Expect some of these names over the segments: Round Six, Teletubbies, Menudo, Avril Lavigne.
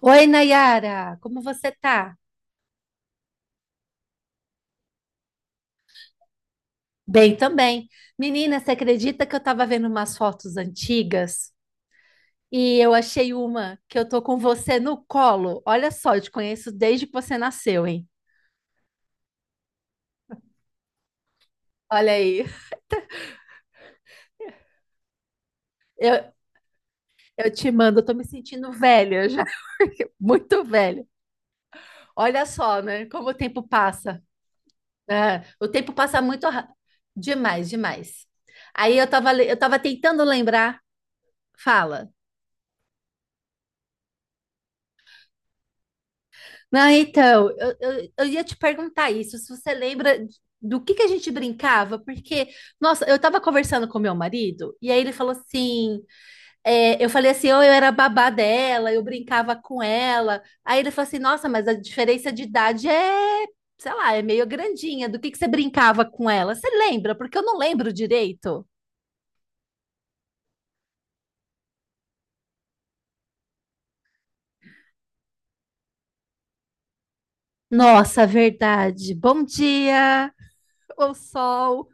Oi, Nayara, como você tá? Bem também. Menina, você acredita que eu tava vendo umas fotos antigas e eu achei uma que eu tô com você no colo? Olha só, eu te conheço desde que você nasceu, hein? Olha aí. Eu, eu te mando, eu tô me sentindo velha já, muito velha. Olha só, né? Como o tempo passa, né? O tempo passa muito demais, demais. Aí eu tava tentando lembrar. Fala. Não, então, eu ia te perguntar isso, se você lembra do que a gente brincava, porque, nossa, eu tava conversando com meu marido, e aí ele falou assim, é, eu falei assim, oh, eu era babá dela, eu brincava com ela, aí ele falou assim, nossa, mas a diferença de idade é, sei lá, é meio grandinha, do que você brincava com ela? Você lembra? Porque eu não lembro direito. Nossa, verdade. Bom dia, o sol.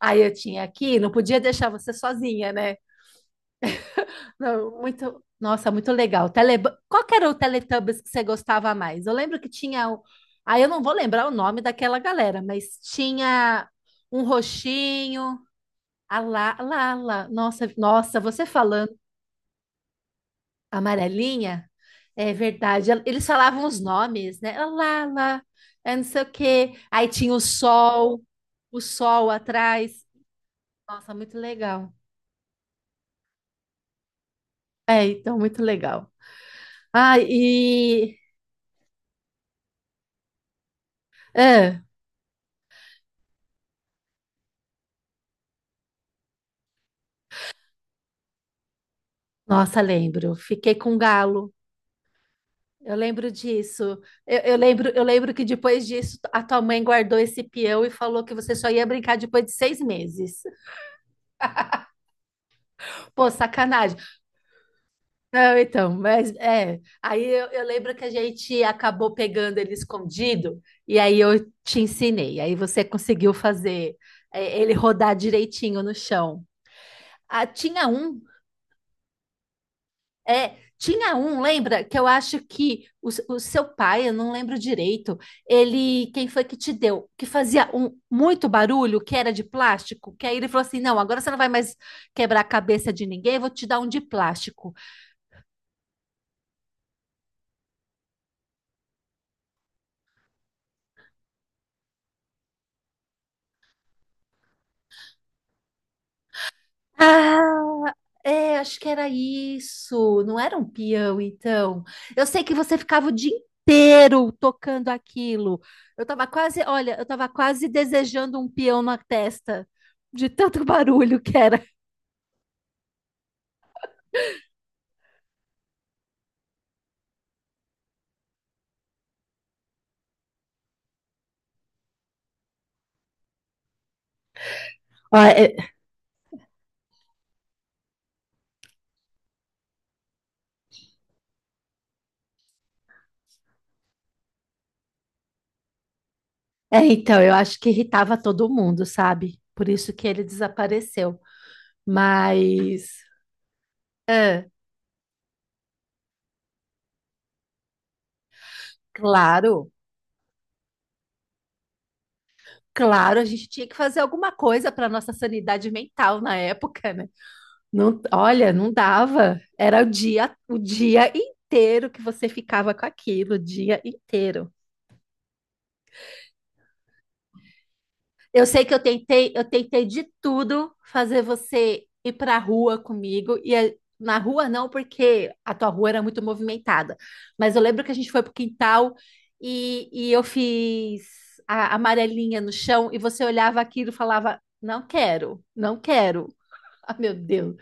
Aí eu tinha aqui, não podia deixar você sozinha, né? Não, muito, nossa, muito legal. Tele... Qual que era o Teletubbies que você gostava mais? Eu lembro que tinha. Ah, eu não vou lembrar o nome daquela galera, mas tinha um roxinho. A lá, lá, lá. Nossa, nossa, você falando amarelinha, é verdade. Eles falavam os nomes, né? A lá, lá, é não sei o quê. Aí tinha o sol atrás. Nossa, muito legal. É, então, muito legal. Ah, e. É. Nossa, lembro. Fiquei com galo. Eu lembro disso. Eu lembro que depois disso a tua mãe guardou esse peão e falou que você só ia brincar depois de 6 meses. Pô, sacanagem. Não, então, mas é. Aí eu lembro que a gente acabou pegando ele escondido e aí eu te ensinei. Aí você conseguiu fazer ele rodar direitinho no chão. Ah, tinha um. É, tinha um, lembra? Que eu acho que o, o seu pai, eu não lembro direito, ele, quem foi que te deu? Que fazia um, muito barulho, que era de plástico, que aí ele falou assim: não, agora você não vai mais quebrar a cabeça de ninguém, eu vou te dar um de plástico. Ah, é, acho que era isso. Não era um peão, então. Eu sei que você ficava o dia inteiro tocando aquilo. Eu tava quase, olha, eu tava quase desejando um peão na testa, de tanto barulho que era. É, então, eu acho que irritava todo mundo, sabe? Por isso que ele desapareceu. Mas, é, claro, claro, a gente tinha que fazer alguma coisa para nossa sanidade mental na época, né? Não, olha, não dava. Era o dia inteiro que você ficava com aquilo, o dia inteiro. Eu sei que eu tentei de tudo fazer você ir pra rua comigo. Na rua não, porque a tua rua era muito movimentada. Mas eu lembro que a gente foi pro quintal e eu fiz a amarelinha no chão e você olhava aquilo e falava, não quero, não quero. Ah, meu Deus.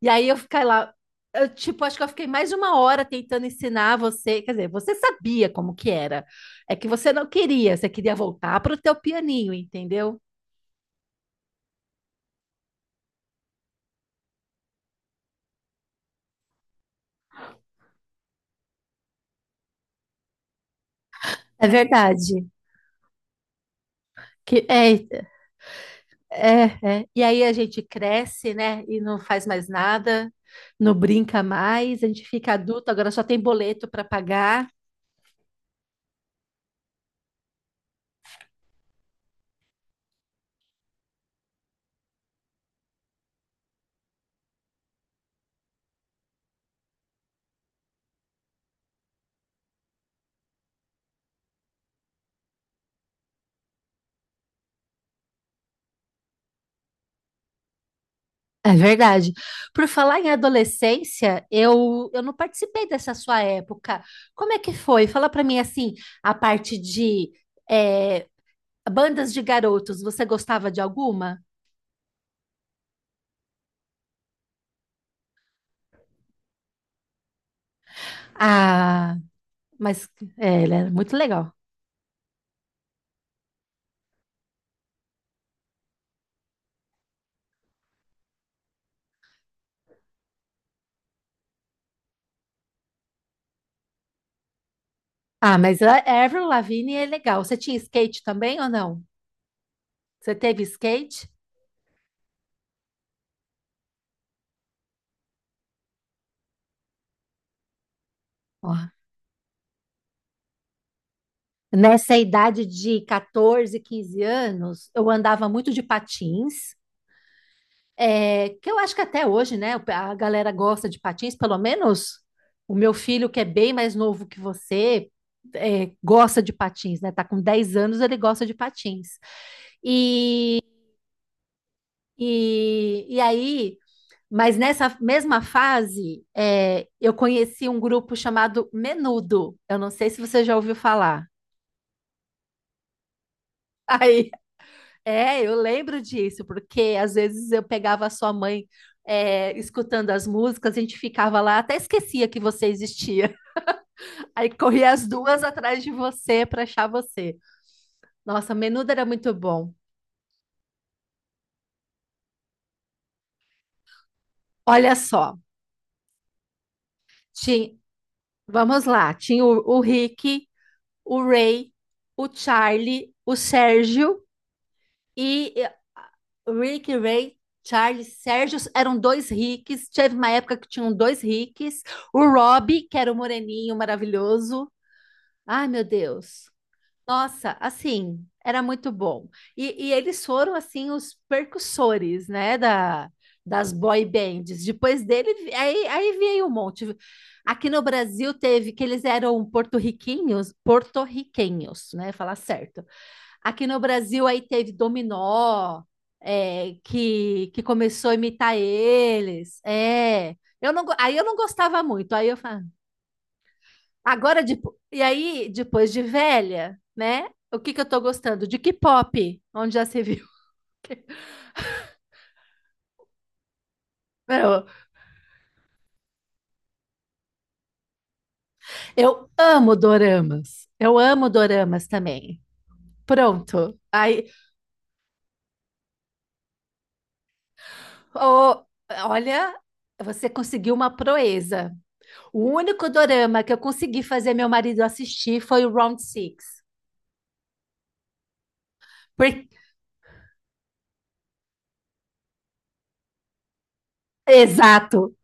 E aí eu fiquei lá, eu, tipo, acho que eu fiquei mais de uma hora tentando ensinar você. Quer dizer, você sabia como que era. É que você não queria, você queria voltar pro teu pianinho, entendeu? É verdade. Que é, é, é. E aí a gente cresce, né? E não faz mais nada, não brinca mais, a gente fica adulto, agora só tem boleto para pagar. É verdade. Por falar em adolescência, eu não participei dessa sua época. Como é que foi? Fala para mim assim, a parte de é, bandas de garotos, você gostava de alguma? Ah, mas ele era muito legal. Ah, mas a Avril Lavigne é legal. Você tinha skate também ou não? Você teve skate? Ó, nessa idade de 14, 15 anos, eu andava muito de patins, que eu acho que até hoje, né? A galera gosta de patins, pelo menos o meu filho, que é bem mais novo que você, gosta de patins, né? Tá com 10 anos, ele gosta de patins. E, e aí. Mas nessa mesma fase, eu conheci um grupo chamado Menudo. Eu não sei se você já ouviu falar. Aí, eu lembro disso, porque às vezes eu pegava a sua mãe, escutando as músicas, a gente ficava lá, até esquecia que você existia. Aí corria as duas atrás de você para achar você. Nossa, Menudo era muito bom. Olha só, tinha, vamos lá, tinha o Rick, o Ray, o Charlie, o Sérgio. E Rick, Ray, Charles, Sérgio eram dois Ricks. Teve uma época que tinham dois Ricks. O Rob, que era o moreninho maravilhoso. Ai, meu Deus. Nossa, assim, era muito bom. E eles foram, assim, os percussores, né, das boy bands. Depois dele, aí veio um monte. Aqui no Brasil teve que eles eram porto-riquinhos, porto-riquenhos, né, falar certo. Aqui no Brasil aí teve Dominó, que começou a imitar eles. É, eu não, go- aí eu não gostava muito. Aí eu falo, agora de, e aí depois de velha, né? O que que eu tô gostando? De K-pop, onde já se viu. Eu, eu amo doramas. Eu amo doramas também. Pronto. Aí, ô, olha, você conseguiu uma proeza. O único dorama que eu consegui fazer meu marido assistir foi o Round Six. Por- Exato.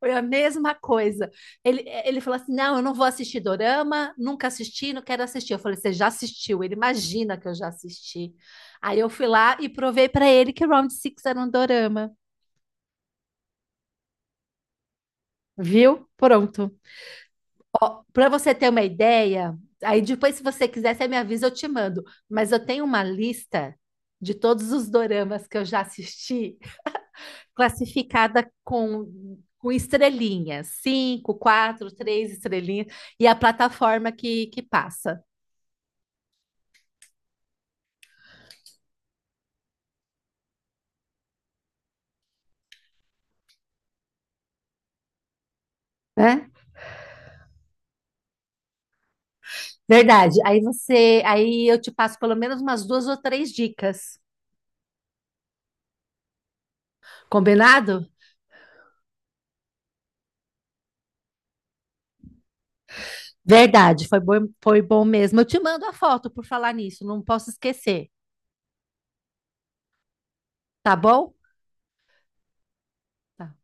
Foi a mesma coisa. Ele falou assim: não, eu não vou assistir Dorama, nunca assisti, não quero assistir. Eu falei: você já assistiu? Ele imagina que eu já assisti. Aí eu fui lá e provei para ele que Round Six era um Dorama. Viu? Pronto. Para você ter uma ideia, aí depois, se você quiser, você me avisa, eu te mando. Mas eu tenho uma lista de todos os doramas que eu já assisti classificada com estrelinhas, cinco, quatro, três estrelinhas, e a plataforma que passa, né? Verdade. Aí eu te passo pelo menos umas duas ou três dicas. Combinado? Verdade, foi bom mesmo. Eu te mando a foto por falar nisso, não posso esquecer, tá bom? Tá.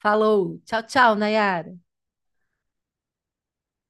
Falou. Tchau, tchau, Nayara.